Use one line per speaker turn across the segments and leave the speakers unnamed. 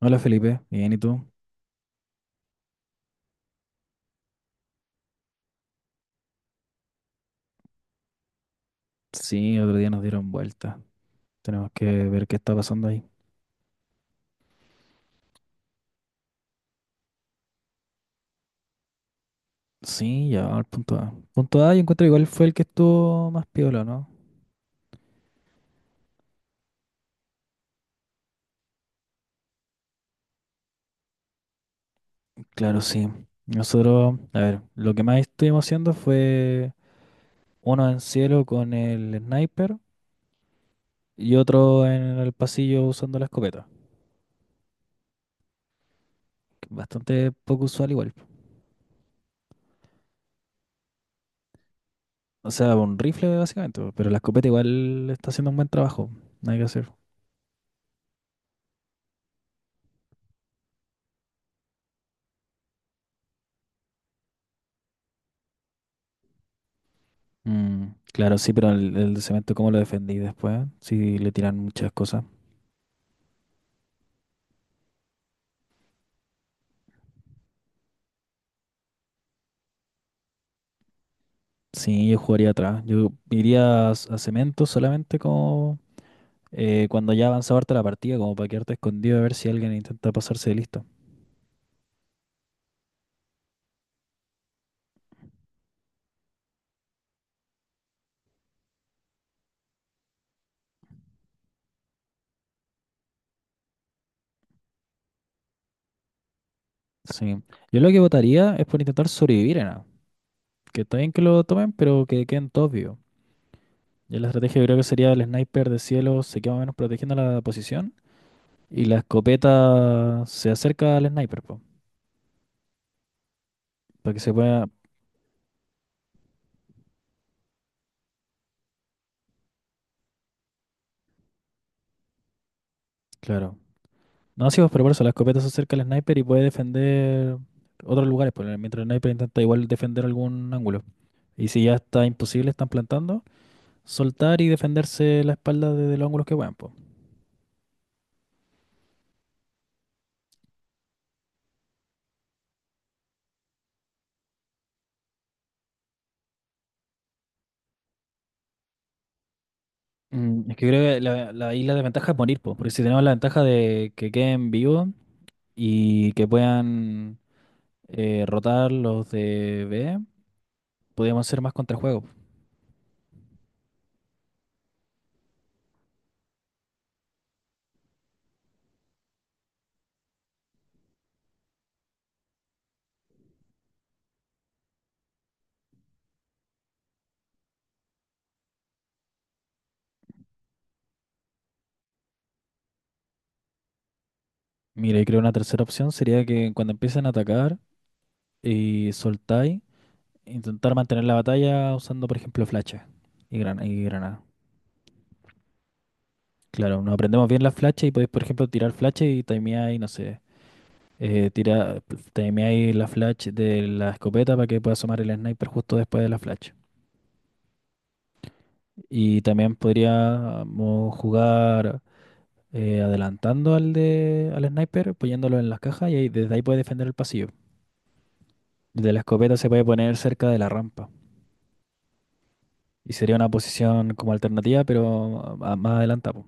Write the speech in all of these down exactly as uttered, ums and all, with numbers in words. Hola Felipe, bien, ¿y tú? Sí, otro día nos dieron vuelta. Tenemos que ver qué está pasando ahí. Sí, ya vamos al punto A. Punto A, yo encuentro igual fue el que estuvo más piola, ¿no? Claro, sí. Nosotros, a ver, lo que más estuvimos haciendo fue uno en cielo con el sniper y otro en el pasillo usando la escopeta. que es Bastante poco usual igual. O sea, un rifle básicamente, pero la escopeta igual está haciendo un buen trabajo. Nada que hacer. Mm, claro, sí, pero el, el cemento, ¿cómo lo defendí después? Si le tiran muchas cosas. Sí, yo jugaría atrás. Yo iría a, c- a cemento solamente como eh, cuando ya avanzaba harta la partida, como para quedarte escondido a ver si alguien intenta pasarse de listo. Sí. Yo lo que votaría es por intentar sobrevivir en A. Que está bien que lo tomen, pero que queden todos vivos. Yo la estrategia creo que sería el sniper de cielo se queda más o menos protegiendo la posición y la escopeta se acerca al sniper, po, para que se pueda... Claro. No, sí, pues, pero por eso la escopeta se acerca al sniper y puede defender otros lugares, pues, mientras el sniper intenta igual defender algún ángulo. Y si ya está imposible, están plantando, soltar y defenderse la espalda desde los ángulos que puedan, pues. Mm, es que creo que la, la isla de ventaja es morir, pues, porque si tenemos la ventaja de que queden vivos y que puedan eh, rotar los de B, podríamos hacer más contrajuegos. Mira, y creo una tercera opción sería que cuando empiecen a atacar y soltáis. Intentar mantener la batalla usando, por ejemplo, flachas y, gran y granada. Claro, nos aprendemos bien las flachas y podéis, por ejemplo, tirar flachas y timeáis, no sé, eh, tira, timeáis la flash de la escopeta para que pueda asomar el sniper justo después de la flash. Y también podríamos jugar eh, adelantando al, de, al sniper, poniéndolo en las cajas y ahí- desde ahí puede defender el pasillo. Desde la escopeta se puede poner cerca de la rampa. Y sería una posición como alternativa, pero a- más adelantada.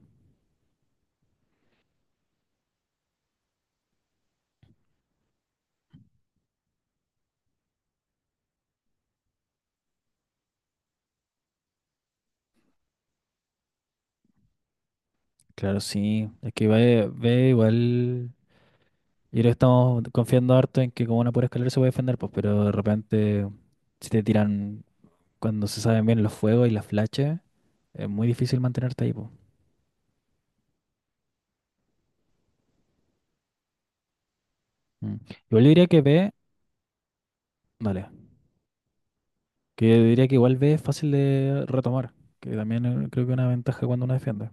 Claro, sí. Es que ve, ve igual. Y lo estamos confiando harto en que con una pura escalera se puede defender, pues, pero de repente, si te tiran cuando se saben bien los fuegos y las flashes, es muy difícil mantenerte ahí, pues. Mm. Igual yo diría que B, vale. Que yo diría que igual B es fácil de retomar, que también eh, creo que es una ventaja cuando uno defiende.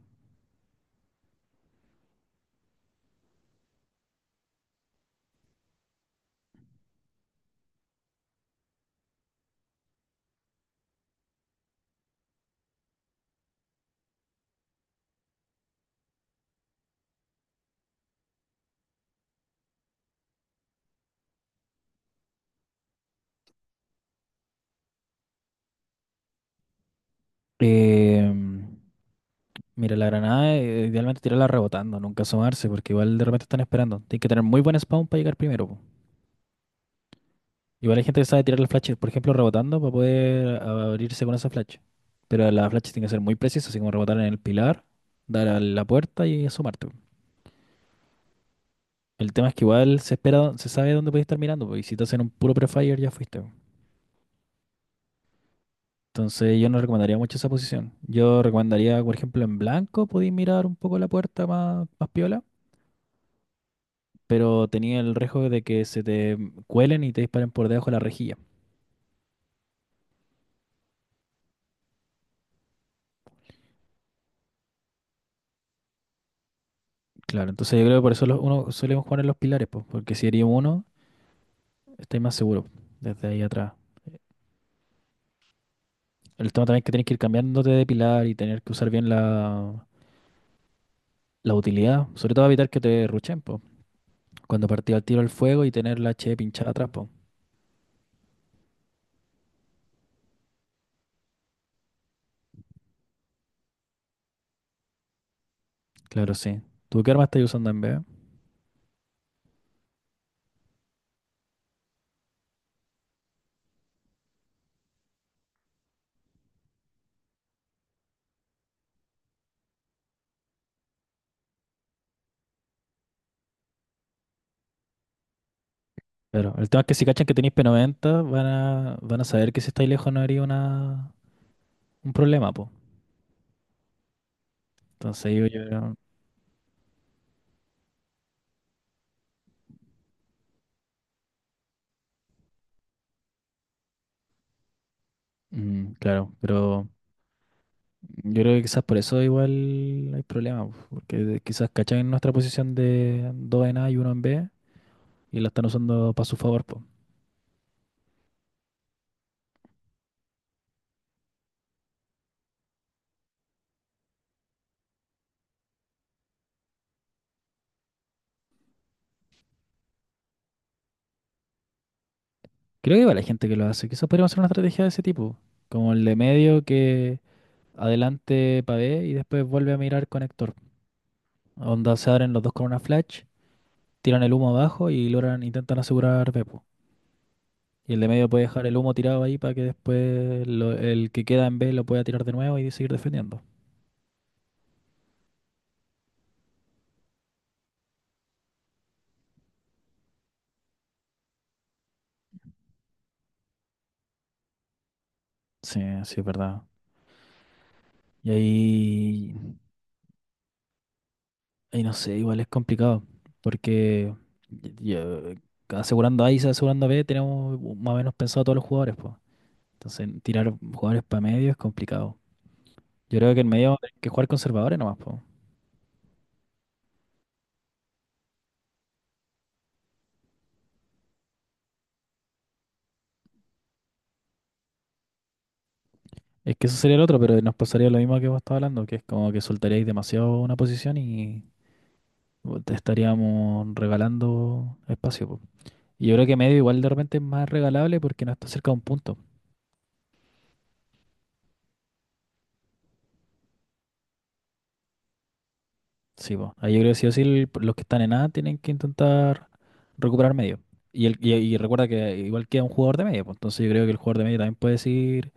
Em, mira, la granada, eh, idealmente tirarla rebotando, nunca asomarse, porque igual de repente están esperando. Tienes que tener muy buen spawn para llegar primero, pues. Igual hay gente que sabe tirar las flashes, por ejemplo, rebotando para poder abrirse con esa flash. Pero las flash tienen que ser muy precisas, así como rebotar en el pilar, dar a la puerta y asomarte. El tema es que igual se espera, se sabe dónde puedes estar mirando, pues, y si te hacen un puro prefire ya fuiste, pues. Entonces yo no recomendaría mucho esa posición. Yo recomendaría, por ejemplo, en blanco podéis mirar un poco la puerta más, más piola, pero tenía el riesgo de que se te cuelen y te disparen por debajo de la rejilla. Claro, entonces yo creo que por eso los- uno solemos jugar en los pilares, pues, porque si herimos uno estáis más seguro desde ahí atrás. El tema también es que tienes que ir cambiándote de pilar y tener que usar bien la, la utilidad. Sobre todo evitar que te ruchen, po. Cuando partía el tiro al fuego y tener la H pinchada atrás, po. Claro, sí. ¿Tú qué arma estáis usando en vez? Claro. El tema es que si cachan que tenéis P noventa, van a, van a saber que si estáis lejos no haría una, un problema, po. Entonces yo, yo- mm, claro, pero yo creo que quizás por eso igual hay problemas po, porque quizás cachan en nuestra posición de dos en A y uno en B y lo están usando para su favor, po. Creo que igual hay gente que lo hace. Quizás podríamos hacer una estrategia de ese tipo, como el de medio que adelante pavé y después vuelve a mirar conector. Onda se abren los dos con una flash, tiran el humo abajo y logran, intentan asegurar B, po. Y el de medio puede dejar el humo tirado ahí para que después lo- el que queda en B lo pueda tirar de nuevo y seguir defendiendo. Sí, sí, es verdad. Y ahí y no sé, igual es complicado, porque y- y, eh, asegurando A y asegurando B tenemos más o menos pensado todos los jugadores, pues. Entonces tirar jugadores para medio es complicado. Yo creo que en medio hay que jugar conservadores nomás, po. Es que eso sería el otro, pero nos pasaría lo mismo que vos estabas hablando, que es como que soltaríais demasiado una posición y uh, te estaríamos regalando espacio, po. Y yo creo que medio igual de repente es más regalable porque no está cerca de un punto. Sí, po. Ahí yo creo que sí o sí el- los que están en A tienen que intentar recuperar medio. Y, el, y, y recuerda que igual queda un jugador de medio, pues, entonces yo creo que el jugador de medio también puede decir,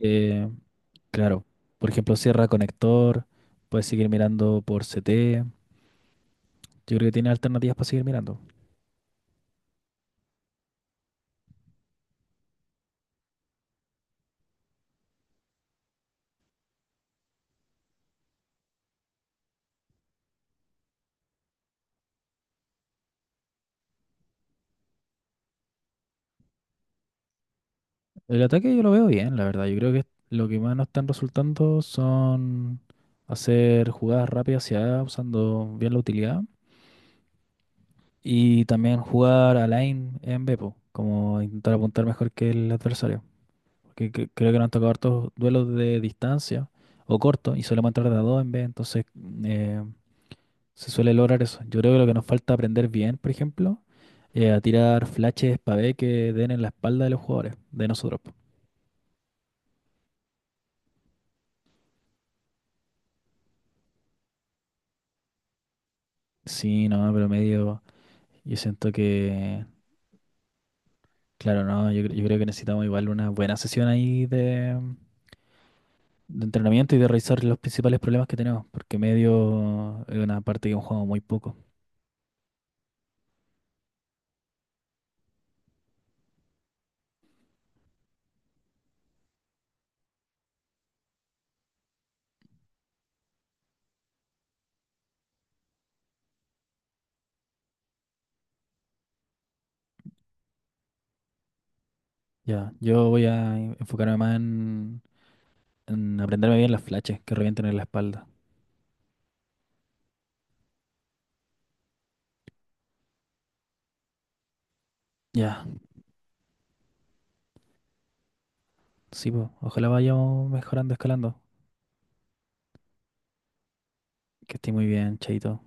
eh, claro, por ejemplo, cierra conector, puede seguir mirando por C T. Yo creo que tiene alternativas para seguir mirando. El ataque yo lo veo bien, la verdad. Yo creo que lo que más nos están resultando son hacer jugadas rápidas hacia A usando bien la utilidad. Y también jugar a lane en B, po, como intentar apuntar mejor que el adversario. Porque cre- creo que nos han tocado hartos duelos de distancia o corto y solemos entrar de a dos en B, entonces eh, se suele lograr eso. Yo creo que lo que nos falta aprender bien, por ejemplo, eh, a tirar flashes para B que den en la espalda de los jugadores, de nosotros, po. Sí, no, pero medio. Yo siento que. Claro, no, yo, cre- yo creo que necesitamos igual una buena sesión ahí de de entrenamiento y de revisar los principales problemas que tenemos, porque medio es una parte que hemos jugado muy poco. Ya, yo voy a en- enfocarme más en, en aprenderme bien las flashes que revienten en la espalda. Ya, sí, pues, ojalá vayamos mejorando, escalando. Que esté muy bien, chaito.